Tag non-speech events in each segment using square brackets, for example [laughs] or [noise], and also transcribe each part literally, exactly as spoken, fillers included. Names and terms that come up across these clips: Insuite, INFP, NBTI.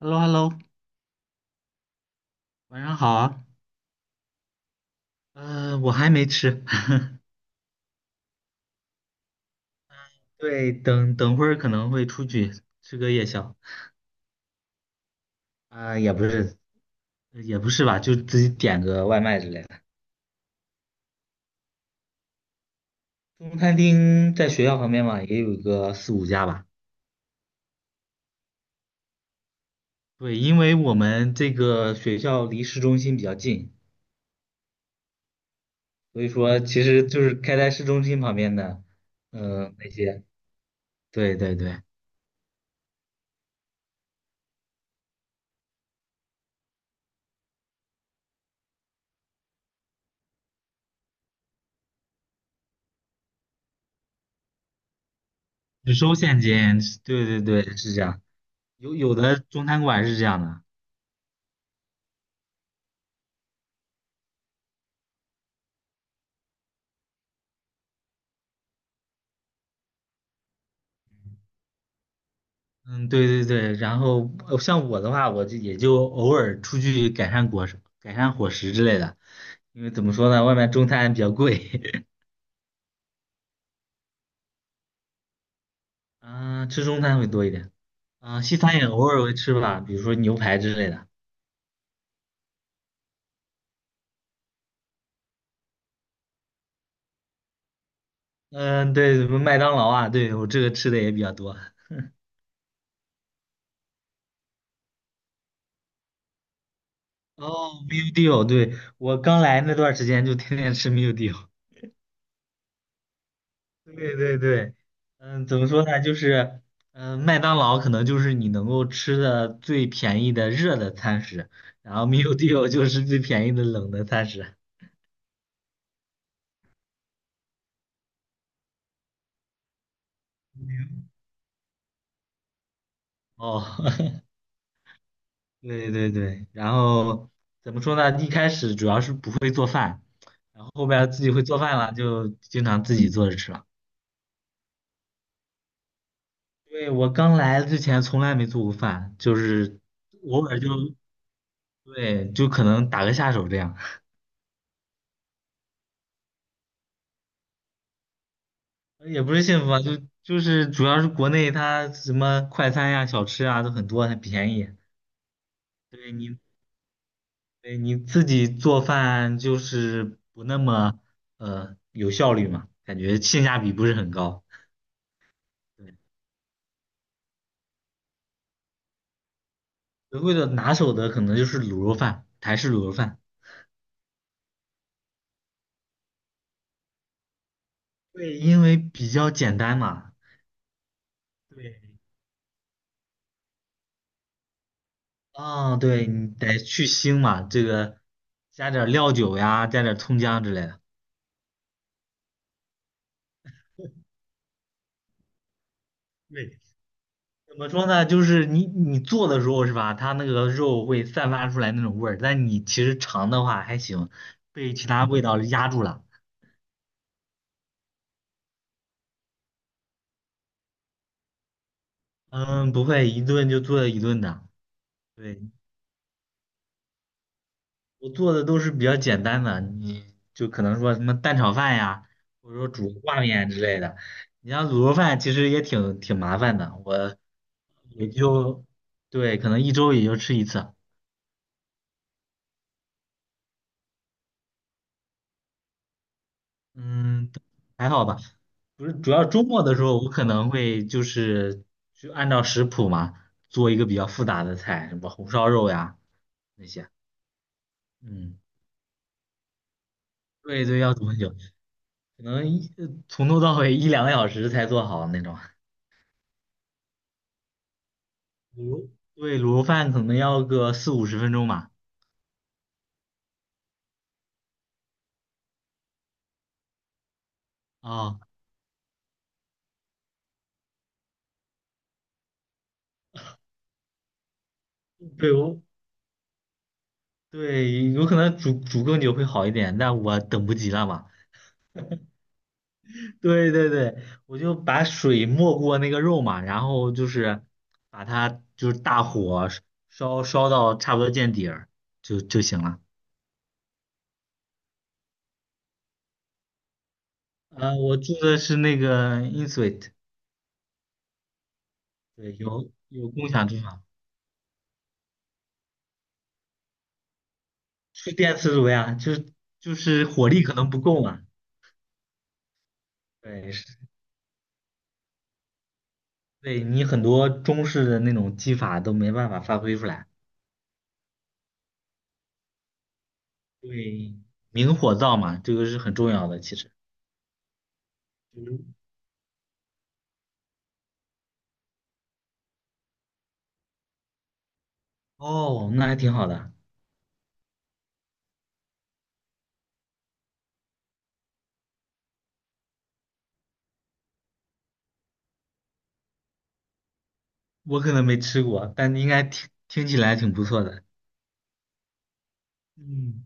h e l l o h e l l o 晚上好啊。呃，我还没吃，[laughs] 对，等等会儿可能会出去吃个夜宵。啊、也不是，也不是吧，就自己点个外卖之类的。中餐厅在学校旁边嘛，也有个四五家吧。对，因为我们这个学校离市中心比较近，所以说其实就是开在市中心旁边的。嗯、那些，对对对，只收现金，对对对，是这样。有有的中餐馆是这样的。嗯，对对对，然后呃像我的话，我就也就偶尔出去改善果实、改善伙食之类的，因为怎么说呢，外面中餐比较贵。[laughs] 啊、吃中餐会多一点，啊、西餐也偶尔会吃吧，比如说牛排之类的。嗯、对，麦当劳啊，对我这个吃的也比较多。哦，meal d e a 对，我刚来那段儿时间就天天吃 meal d e a 对对对。嗯，怎么说呢？就是，嗯，麦当劳可能就是你能够吃的最便宜的热的餐食，然后 meal d e a 就是最便宜的冷的餐食。哦，[laughs] 对对对，然后怎么说呢？一开始主要是不会做饭，然后后边自己会做饭了，就经常自己做着吃了。对，我刚来之前从来没做过饭，就是偶尔就对，就可能打个下手这样。也不是幸福啊，就就是主要是国内它什么快餐呀、小吃啊都很多，很便宜。对你，对你自己做饭就是不那么呃有效率嘛，感觉性价比不是很高。对，德惠的拿手的可能就是卤肉饭，台式卤肉饭。对，因为比较简单嘛。对，啊、对你得去腥嘛，这个加点儿料酒呀，加点儿葱姜之类的。对。怎么说呢？就是你你做的时候是吧？它那个肉会散发出来那种味儿，但你其实尝的话还行，被其他味道压住了。嗯，不会，一顿就做一顿的。对，我做的都是比较简单的，你就可能说什么蛋炒饭呀，或者说煮个挂面之类的。你像卤肉饭其实也挺挺麻烦的，我也就对，可能一周也就吃一次。嗯，还好吧。不是，主要周末的时候，我可能会就是去按照食谱嘛，做一个比较复杂的菜，什么红烧肉呀那些。嗯，对对，要煮很久，可能一呃从头到尾一两个小时才做好那种。卤肉对，卤肉饭可能要个四五十分钟吧。啊，对我对，有可能煮煮更久会好一点，但我等不及了吧。对对对，我就把水没过那个肉嘛，然后就是把它就是大火烧烧到差不多见底儿就就行了。呃，我住的是那个 Insuite,对，有有共享住房，是电磁炉呀，就是就是火力可能不够嘛。对，是对你很多中式的那种技法都没办法发挥出来，对，明火灶嘛，这个是很重要的，其实。嗯哦，那还挺好的。我可能没吃过，但应该听听起来挺不错的。嗯，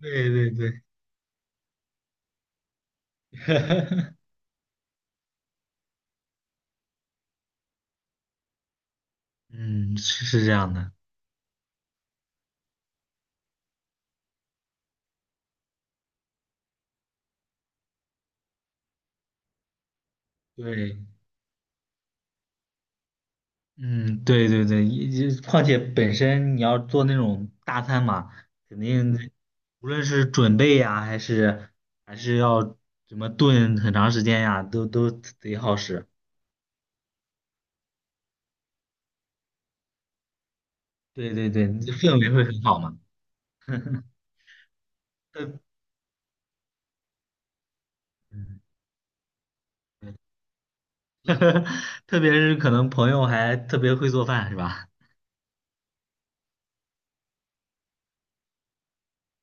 对对对，[laughs] 嗯，是是这样的，对，嗯，对对对，也也况且本身你要做那种大餐嘛，肯定得无论是准备呀，还是还是要怎么炖很长时间呀，都都得耗时。对对对，你的氛围会很好嘛。特，嗯 [laughs] 特别是可能朋友还特别会做饭，是吧？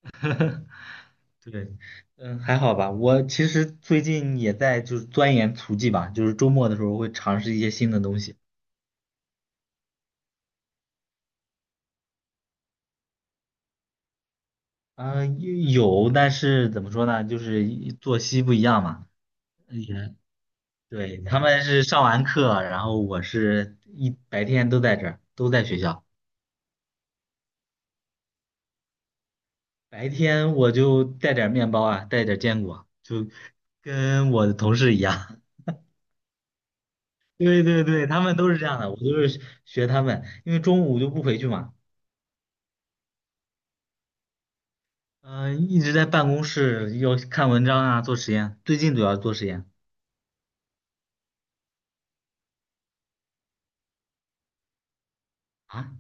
[laughs] 对，嗯，还好吧。我其实最近也在就是钻研厨技吧，就是周末的时候会尝试一些新的东西。啊、有，但是怎么说呢，就是一作息不一样嘛。也对，他们是上完课，然后我是一白天都在这儿，都在学校。白天我就带点儿面包啊，带点儿坚果，就跟我的同事一样。[laughs] 对对对，他们都是这样的，我就是学他们，因为中午就不回去嘛。嗯、一直在办公室要看文章啊，做实验。最近主要做实验啊。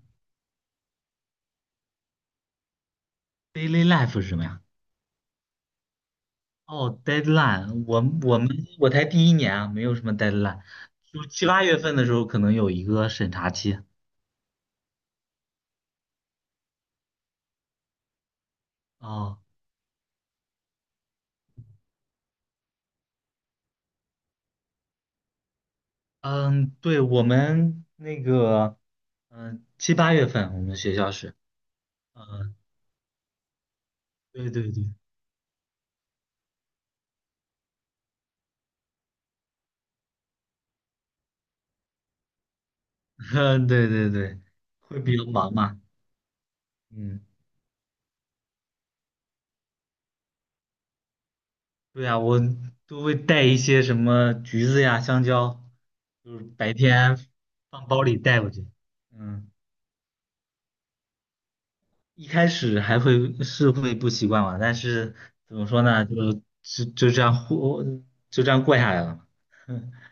Daily life 是什么呀？哦，deadline,我我们我才第一年啊，没有什么 deadline。就七八月份的时候可能有一个审查期。哦，嗯，对，我们那个，嗯、七八月份我们学校是，嗯、对对对，[laughs] 对对对，会比较忙嘛。嗯。对呀，我都会带一些什么橘子呀、香蕉，就是白天放包里带过去。嗯，一开始还会是会不习惯嘛，但是怎么说呢，就就就这样过，就这样过下来了。[laughs]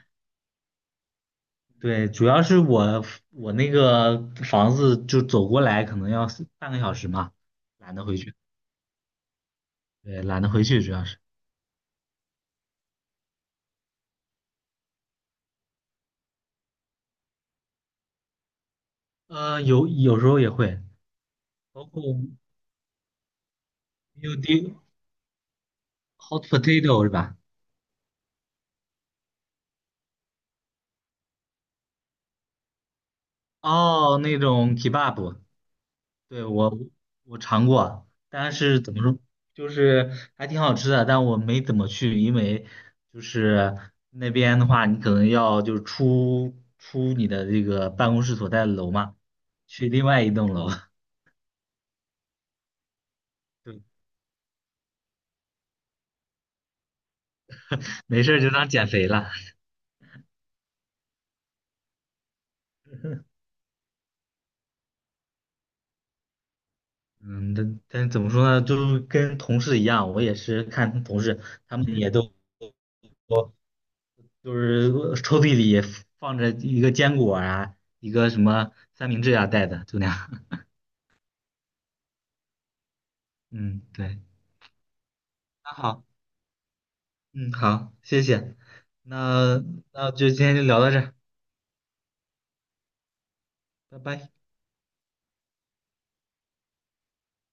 对，主要是我我那个房子就走过来可能要四半个小时嘛，懒得回去。对，懒得回去主要是。呃，有有时候也会，包括 P U D hot potato 是吧？哦，那种 kebab,对，我我尝过，但是怎么说，就是还挺好吃的，但我没怎么去，因为就是那边的话，你可能要就是出出你的这个办公室所在的楼嘛，去另外一栋楼。[laughs] 对，没事儿就当减肥了。嗯，但但怎么说呢，就是跟同事一样，我也是看同事，他们也都就是抽屉里放着一个坚果啊，一个什么三明治啊带的，就那样。[laughs] 嗯，对，那好，嗯，好，谢谢，那那就今天就聊到这儿拜拜。